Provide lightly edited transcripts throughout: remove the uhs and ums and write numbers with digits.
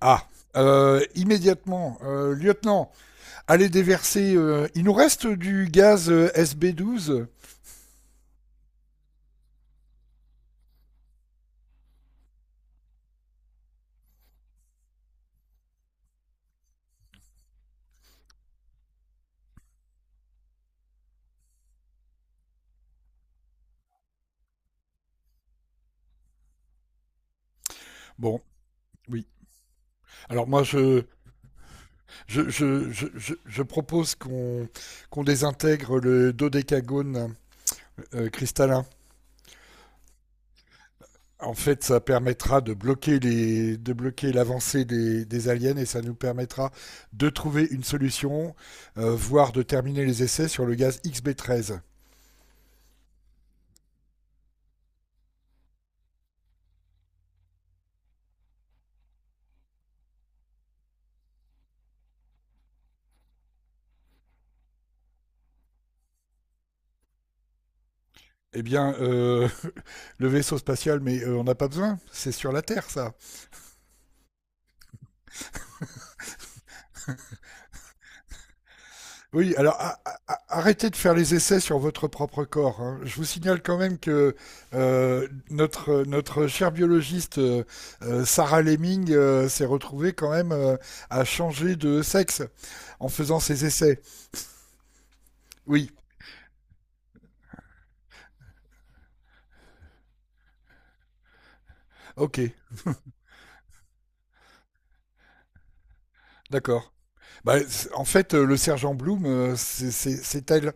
Ah, immédiatement, lieutenant, allez déverser. Il nous reste du gaz SB-12. Bon, oui. Alors moi, je propose qu'on qu'on désintègre le dodécagone cristallin. En fait, ça permettra de bloquer de bloquer l'avancée des aliens et ça nous permettra de trouver une solution, voire de terminer les essais sur le gaz XB-13. Eh bien, le vaisseau spatial, mais on n'a pas besoin. C'est sur la Terre, ça. Oui, alors arrêtez de faire les essais sur votre propre corps, hein. Je vous signale quand même que notre chère biologiste Sarah Lemming s'est retrouvée quand même à changer de sexe en faisant ses essais. Oui, ok, d'accord. Bah, en fait, le sergent Bloom, c'est elle.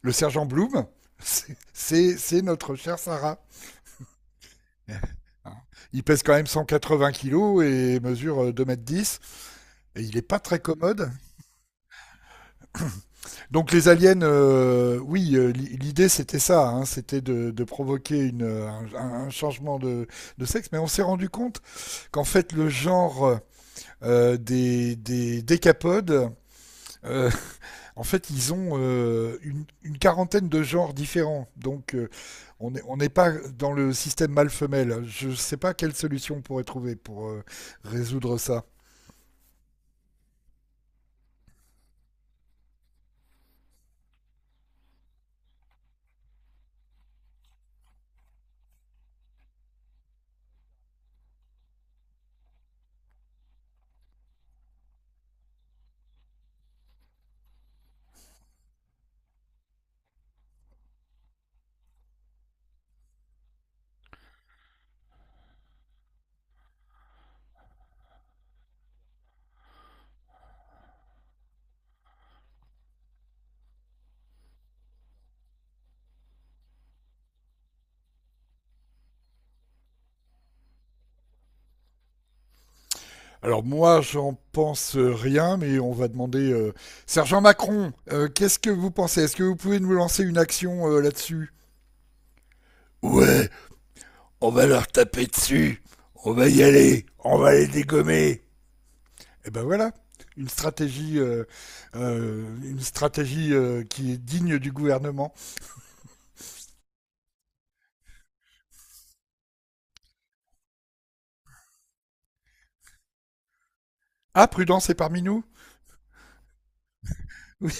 Le sergent Bloom, c'est notre chère Sarah. Hein. Il pèse quand même 180 kilos et mesure 2 mètres 10. Et il n'est pas très commode. Donc les aliens, oui, l'idée c'était ça, hein, c'était de provoquer un changement de sexe, mais on s'est rendu compte qu'en fait le genre des décapodes, euh, en fait, ils ont une quarantaine de genres différents. Donc, on n'est pas dans le système mâle-femelle. Je ne sais pas quelle solution on pourrait trouver pour résoudre ça. Alors, moi, j'en pense rien, mais on va demander. Sergent Macron, qu'est-ce que vous pensez? Est-ce que vous pouvez nous lancer une action là-dessus? Ouais, on va leur taper dessus. On va y aller. On va les dégommer. Et ben voilà, une stratégie, euh, une stratégie qui est digne du gouvernement. Ah, Prudence est parmi nous. Oui.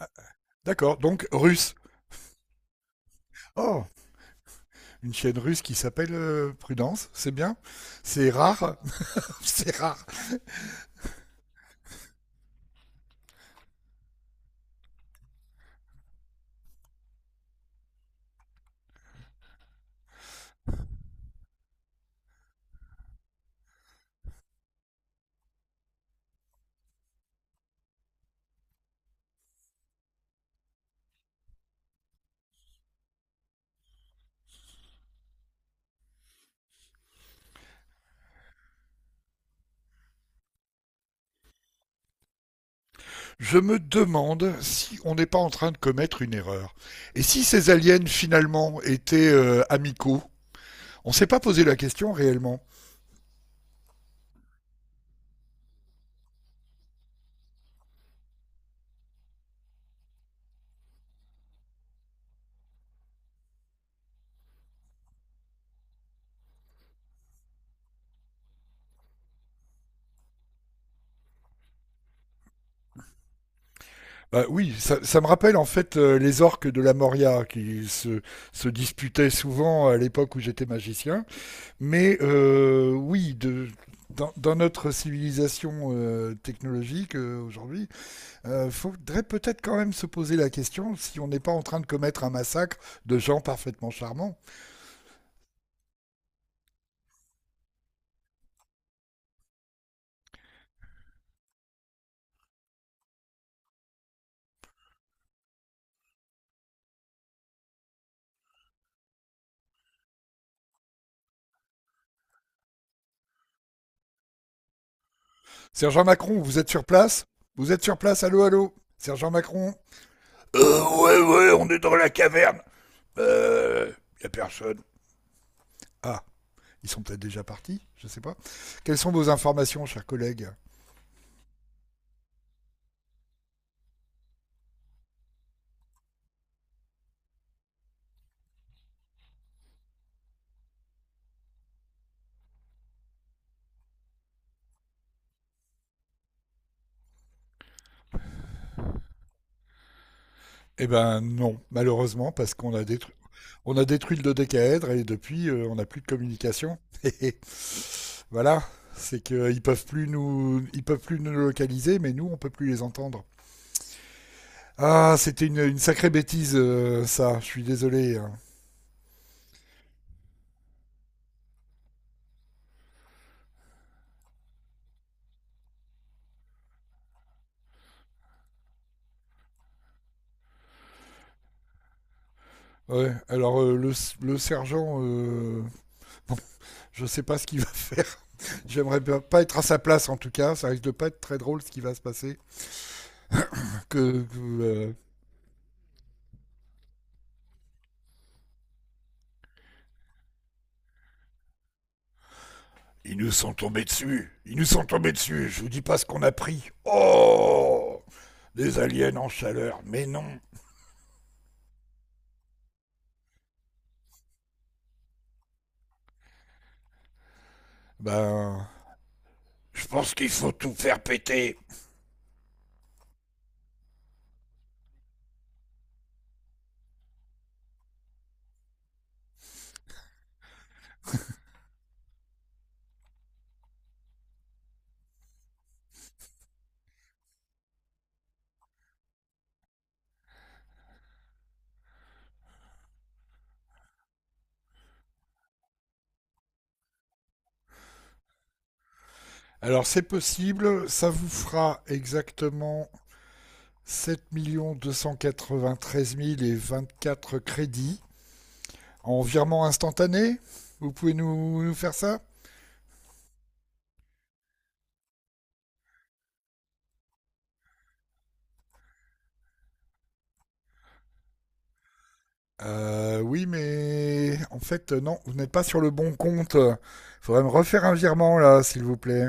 Ah, d'accord, donc russe. Oh, une chienne russe qui s'appelle Prudence, c'est bien. C'est rare, c'est rare. Je me demande si on n'est pas en train de commettre une erreur. Et si ces aliens finalement étaient amicaux? On s'est pas posé la question réellement. Bah oui, ça me rappelle en fait les orques de la Moria qui se disputaient souvent à l'époque où j'étais magicien. Mais oui, dans notre civilisation technologique aujourd'hui, faudrait peut-être quand même se poser la question si on n'est pas en train de commettre un massacre de gens parfaitement charmants. Sergent Macron, vous êtes sur place? Vous êtes sur place, allô, allô Sergent Macron? Ouais, ouais, on est dans la caverne. Euh, Y a personne. Ah, ils sont peut-être déjà partis, je ne sais pas. Quelles sont vos informations, chers collègues? Eh ben non, malheureusement, parce qu'on a détruit le dodécaèdre et depuis, on n'a plus de communication. Voilà, c'est qu'ils peuvent plus nous localiser, mais nous, on peut plus les entendre. Ah, c'était une sacrée bêtise, ça. Je suis désolé, hein. Ouais, alors le sergent, je sais pas ce qu'il va faire. J'aimerais pas être à sa place en tout cas. Ça risque de pas être très drôle ce qui va se passer. Que, que, euh, Ils nous sont tombés dessus. Ils nous sont tombés dessus. Je vous dis pas ce qu'on a pris. Oh! Des aliens en chaleur. Mais non. Ben, je pense qu'il faut tout faire péter. Alors c'est possible, ça vous fera exactement 7 293 024 crédits en virement instantané. Vous pouvez nous faire ça? Oui, mais en fait non, vous n'êtes pas sur le bon compte. Il faudrait me refaire un virement là, s'il vous plaît.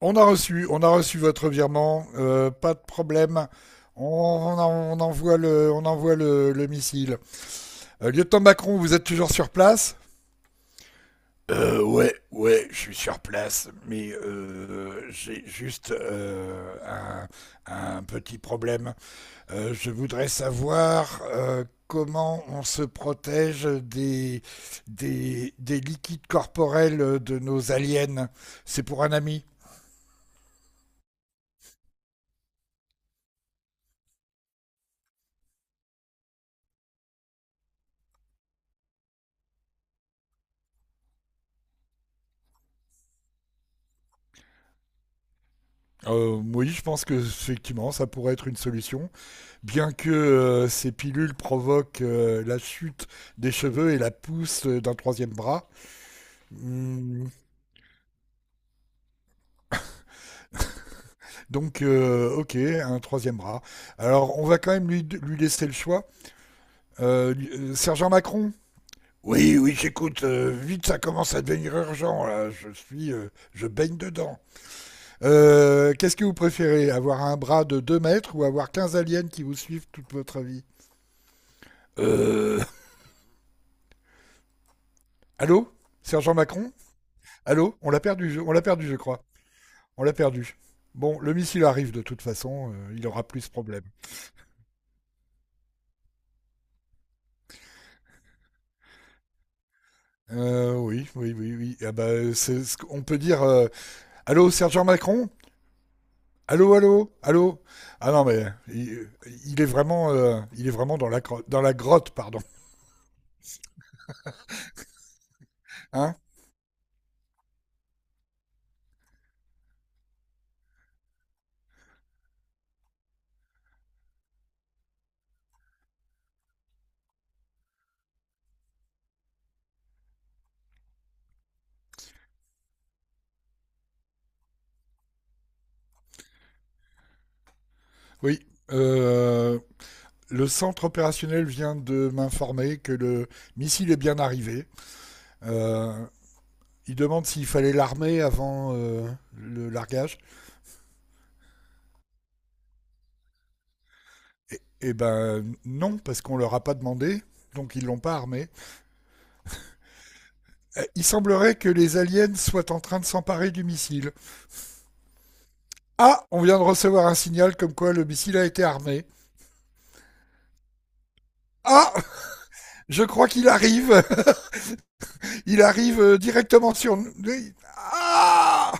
On a reçu votre virement, pas de problème. On, on on envoie le missile. Lieutenant Macron, vous êtes toujours sur place? Ouais, ouais, je suis sur place, mais j'ai juste un petit problème. Je voudrais savoir comment on se protège des liquides corporels de nos aliens. C'est pour un ami. Oui, je pense que effectivement, ça pourrait être une solution, bien que ces pilules provoquent la chute des cheveux et la pousse d'un troisième bras. Hmm, Donc, ok, un troisième bras. Alors, on va quand même lui laisser le choix. Sergent Macron? Oui, oui, j'écoute, vite, ça commence à devenir urgent. Là, je baigne dedans. Qu'est-ce que vous préférez, avoir un bras de 2 mètres ou avoir 15 aliens qui vous suivent toute votre vie? Euh, Allô Sergent Macron? Allô? On l'a perdu, je crois. On l'a perdu. Bon, le missile arrive de toute façon, il aura plus ce problème. Oui, oui, oui, oui. Ah bah, c'est ce qu'on peut dire. Allô, Sergent Macron? Allô, allô, allô? Ah non, mais il est vraiment dans la grotte, pardon. Hein? Oui. Le centre opérationnel vient de m'informer que le missile est bien arrivé. Euh, Il demande s'il fallait l'armer avant le largage. Et ben non, parce qu'on leur a pas demandé, donc ils l'ont pas armé. Il semblerait que les aliens soient en train de s'emparer du missile. Ah, on vient de recevoir un signal comme quoi le missile a été armé. Ah, je crois qu'il arrive. Il arrive directement sur nous. Ah!